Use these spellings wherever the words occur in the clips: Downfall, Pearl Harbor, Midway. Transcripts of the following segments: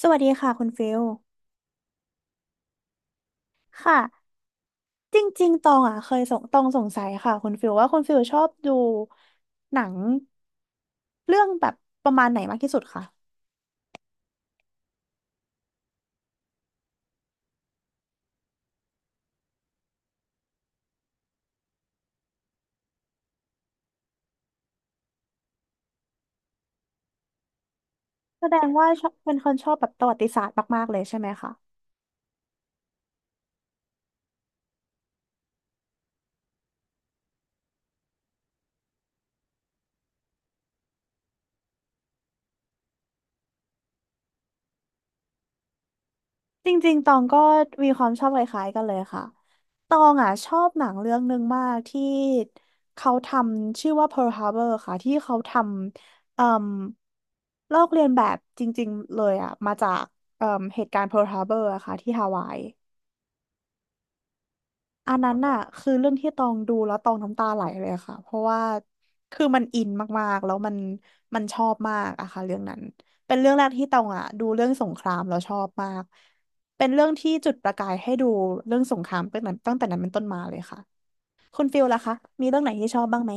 สวัสดีค่ะคุณฟิล ค่ะ จริงๆตองอ่ะเคยสงตองสงสัยค่ะคุณฟิลว่าคุณฟิลชอบดูหนังเรื่องแบบประมาณไหนมากที่สุดคะแสดงว่าชอบเป็นคนชอบแบบประวัติศาสตร์มากๆเลยใช่ไหมคะ จริงๆตองก็มีความชอบคล้ายๆกันเลยค่ะตองอ่ะชอบหนังเรื่องหนึ่งมากที่เขาทำชื่อว่า Pearl Harbor ค่ะที่เขาทำเอ่มลอกเลียนแบบจริงๆเลยอ่ะมาจากเอ่มเหตุการณ์ Pearl Harbor อะค่ะที่ฮาวาย อันนั้นน่ะคือเรื่องที่ตองดูแล้วตองน้ำตาไหลเลยค่ะเพราะว่าคือมันอินมากๆแล้วมันชอบมากอะค่ะเรื่องนั้นเป็นเรื่องแรกที่ตองอะดูเรื่องสงครามแล้วชอบมากเป็นเรื่องที่จุดประกายให้ดูเรื่องสงครามตั้งแต่นั้นเป็นต้นมาเลยค่ะคุณฟิลล่ะคะมีเรื่องไหนที่ชอบบ้างไหม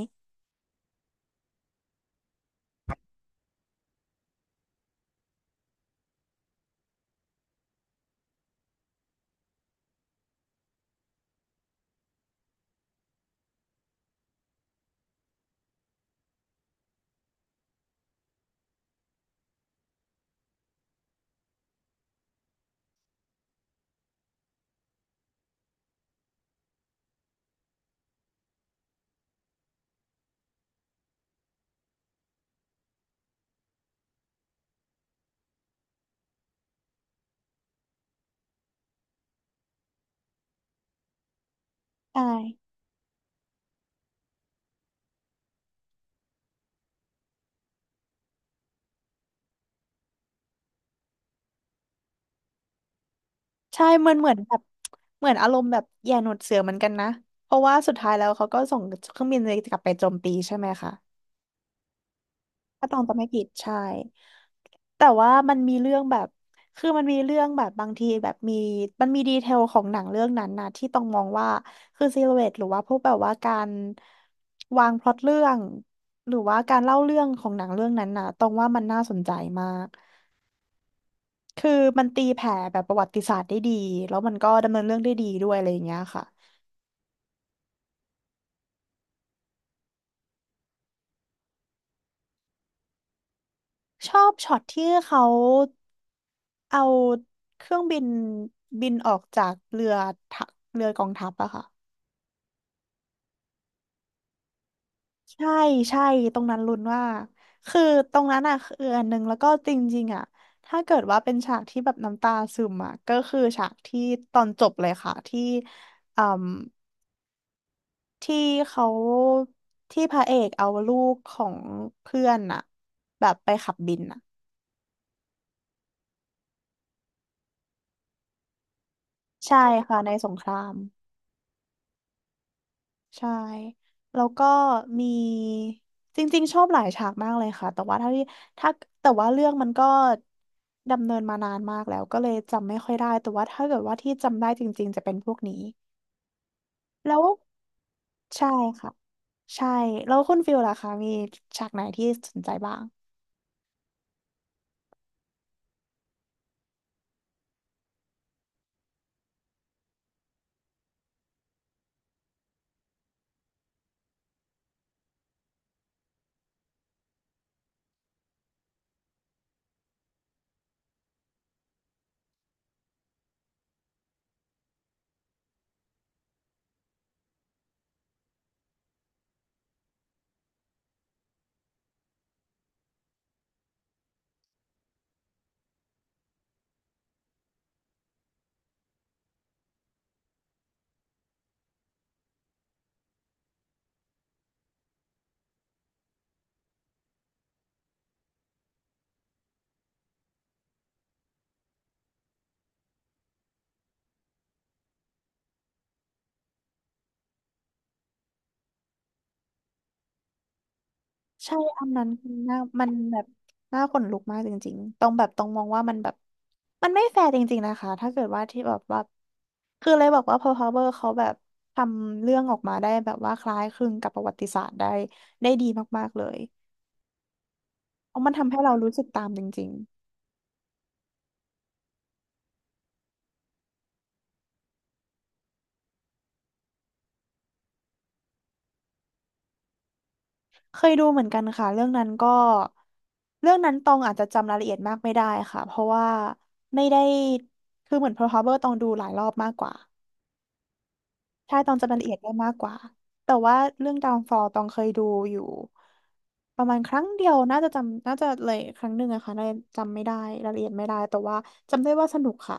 ใช่ใช่เหมือนแบบเหมือนอารมณ์แบบแย่หนวดเสือเหมือนกันนะเพราะว่าสุดท้ายแล้วเขาก็ส่งเครื่องบินกลับไปโจมตีใช่ไหมคะ ถ้าตองจำไม่ผิดใช่แต่ว่ามันมีเรื่องแบบคือมันมีเรื่องแบบบางทีแบบมี มันมีดีเทลของหนังเรื่องนั้นนะที่ต้องมองว่าคือซิลูเอตหรือว่าพวกแบบว่าการวางพล็อตเรื่อง หรือว่าการเล่าเรื่องของหนังเรื่องนั้นนะตองว่ามันน่าสนใจมาก คือมันตีแผ่แบบประวัติศาสตร์ได้ดีแล้วมันก็ดำเนินเรื่องได้ดีด้วยอะไรอย่างเงี้ยค่ะ ชอบช็อตที่เขาเอาเครื่องบินบินออกจากเรือทะเรือกองทัพอะค่ะใช่ใช่ตรงนั้นลุ้นว่าคือตรงนั้นอะคืออันหนึ่งแล้วก็จริงๆอะถ้าเกิดว่าเป็นฉากที่แบบน้ำตาซึมอะก็คือฉากที่ตอนจบเลยค่ะที่อืมที่เขาที่พระเอกเอาลูกของเพื่อนอะแบบไปขับบินอะใช่ค่ะในสงคราม ใช่แล้วก็มีจริงๆชอบหลายฉากมากเลยค่ะแต่ว่าถ้าแต่ว่าเรื่องมันก็ดำเนินมานานมากแล้วก็เลยจำไม่ค่อยได้แต่ว่าถ้าเกิดว่าที่จำได้จริงๆจะเป็นพวกนี้แล้วใช่ค่ะใช่แล้วคุณฟิลล่ะคะมีฉากไหนที่สนใจบ้าง ใช่อันนั้นคือหน้ามันแบบน่าขนลุกมากจริงๆตรงแบบตรงมองว่ามันแบบมันไม่แฟร์จริงๆนะคะ ถ้าเกิดว่าที่แบบว่าคือเลยบอกว่า Pearl Harbor เขาแบบทำเรื่องออกมาได้แบบว่าคล้ายคลึงกับประวัติศาสตร์ได้ดีมากๆเลยเพราะมันทำให้เรารู้สึกตามจริงๆ เคยดูเหมือนกันค่ะเรื่องนั้นก็เรื่องนั้นตองอาจจะจำรายละเอียดมากไม่ได้ค่ะเพราะว่าไม่ได้คือเหมือน Pearl Harbor ตองดูหลายรอบมากกว่า ใช่ตองจำรายละเอียดได้มากกว่าแต่ว่าเรื่อง Downfall ตองเคยดูอยู่ประมาณครั้งเดียวน่าจะจำน่าจะเลยครั้งหนึ่งอะค่ะน่าจะจำไม่ได้รายละเอียดไม่ได้แต่ว่าจำได้ว่าสนุกค่ะ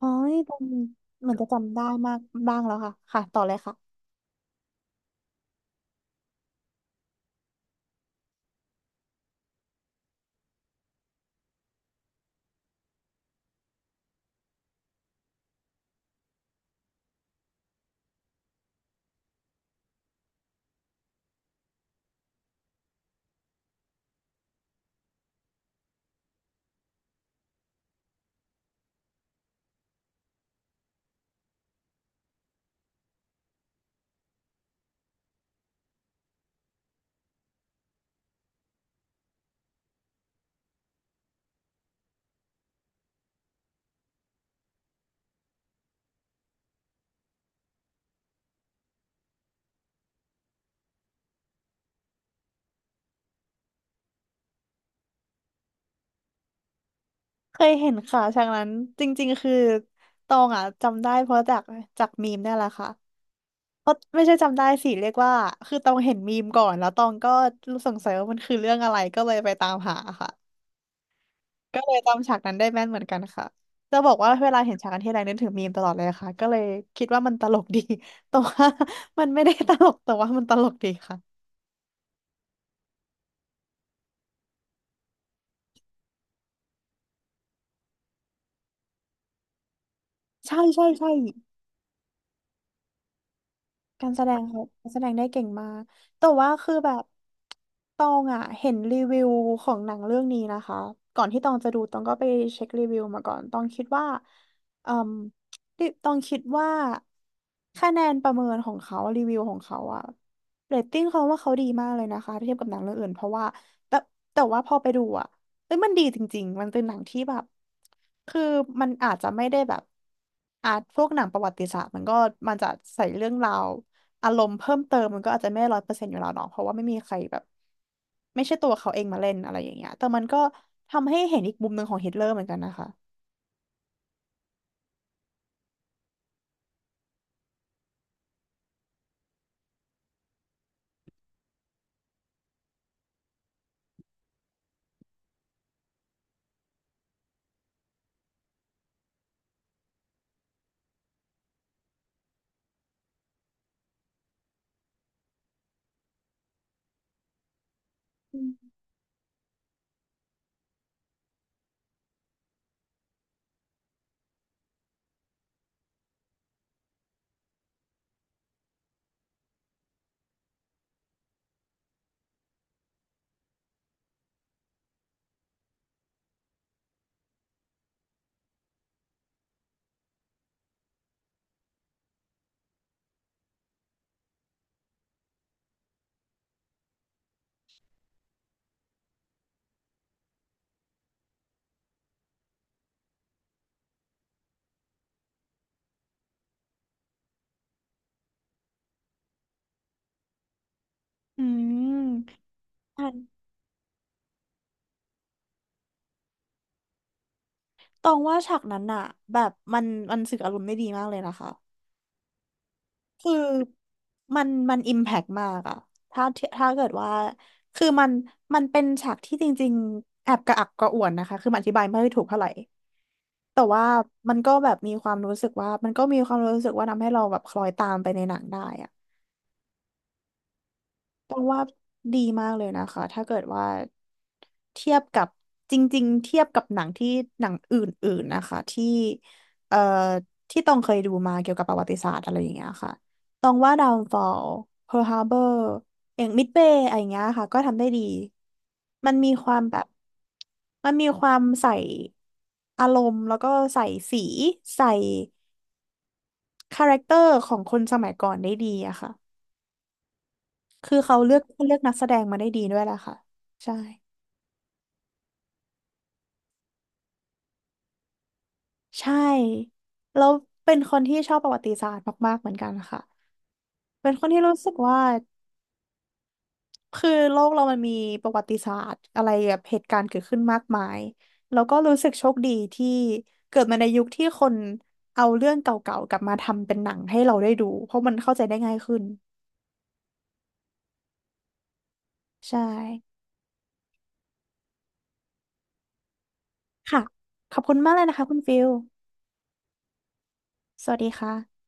อ๋อตองเหมือนจะจำได้มากบ้างแล้วค่ะค่ะต่อเลยค่ะเคยเห็นค่ะฉากนั้นจริงๆคือตองอะจำได้เพราะจากมีมเนี่ยแหละค่ะเพราะไม่ใช่จำได้สิเรียกว่าคือตองเห็นมีมก่อนแล้วตองก็รู้สงสัยว่ามันคือเรื่องอะไรก็เลยไปตามหาค่ะ ก็เลยจำฉากนั้นได้แม่นเหมือนกันค่ะ จะบอกว่าเวลาเห็นฉากนันที่ไรนึกถึงมีมตลอดเลยค่ะ ก็เลยคิดว่ามันตลกดี แต่ว่า มันไม่ได้ตลกแต่ว่ามันตลกดีค่ะ ใช่ใช่ใช่ การแสดงเขาการแสดงได้เก่งมากแต่ว่าคือแบบตองอ่ะเห็นรีวิวของหนังเรื่องนี้นะคะก่อนที่ตองจะดูตองก็ไปเช็ครีวิวมาก่อนตองคิดว่าเอ่มดิตองคิดว่าคะแนนประเมินของเขารีวิวของเขาอะเรตติ้งเขาว่าเขาดีมากเลยนะคะถ้าเทียบกับหนังเรื่องอื่นเพราะว่าแต่แต่ว่าพอไปดูอะ เอ้ยมันดีจริงๆ มันเป็นหนังที่แบบ คือมันอาจจะไม่ได้แบบอ่ะพวกหนังประวัติศาสตร์มันก็มันจะใส่เรื่องราวอารมณ์เพิ่มเติมมันก็อาจจะไม่100%อยู่แล้วเนาะเพราะว่าไม่มีใครแบบไม่ใช่ตัวเขาเองมาเล่นอะไรอย่างเงี้ยแต่มันก็ทำให้เห็นอีกมุมหนึ่งของฮิตเลอร์เหมือนกันนะคะ อืมอืมอันตองว่าฉากนั้นอะแบบมันสื่ออารมณ์ได้ดีมากเลยนะคะ คือมันอิมแพกมากอะถ้าถ้าเกิดว่าคือมันมันเป็นฉากที่จริงๆแอบกระอักกระอ่วนนะคะ คือมันอธิบายไม่ถูกเท่าไหร่ แต่ว่ามันก็แบบมีความรู้สึกว่ามันก็มีความรู้สึกว่าทำให้เราแบบคล้อยตามไปในหนังได้อะ ต้องว่าดีมากเลยนะคะถ้าเกิดว่าเทียบกับจริงๆเทียบกับหนังที่หนังอื่นๆนะคะที่เอ่อที่ต้องเคยดูมาเกี่ยวกับประวัติศาสตร์อะไรอย่างเงี้ยค่ะต้องว่า Downfall Pearl Harbor อย่าง Midway อะไรอย่างเงี้ยค่ะก็ทำได้ดีมันมีความแบบมันมีความใส่อารมณ์แล้วก็ใส่สีใส่คาแรคเตอร์ของคนสมัยก่อนได้ดีอะค่ะ คือเขาเลือกนักแสดงมาได้ดีด้วยแหละค่ะใช่ใช่แล้วเป็นคนที่ชอบประวัติศาสตร์มากๆเหมือนกันค่ะเป็นคนที่รู้สึกว่าคือโลกเรามันมีประวัติศาสตร์อะไรแบบเหตุการณ์เกิดขึ้นมากมายแล้วก็รู้สึกโชคดีที่เกิดมาในยุคที่คนเอาเรื่องเก่าๆกลับมาทำเป็นหนังให้เราได้ดูเพราะมันเข้าใจได้ง่ายขึ้นใช่ค่ะขอบคุณมากเลยนะคะคุณฟิลสวัสดีค่ะ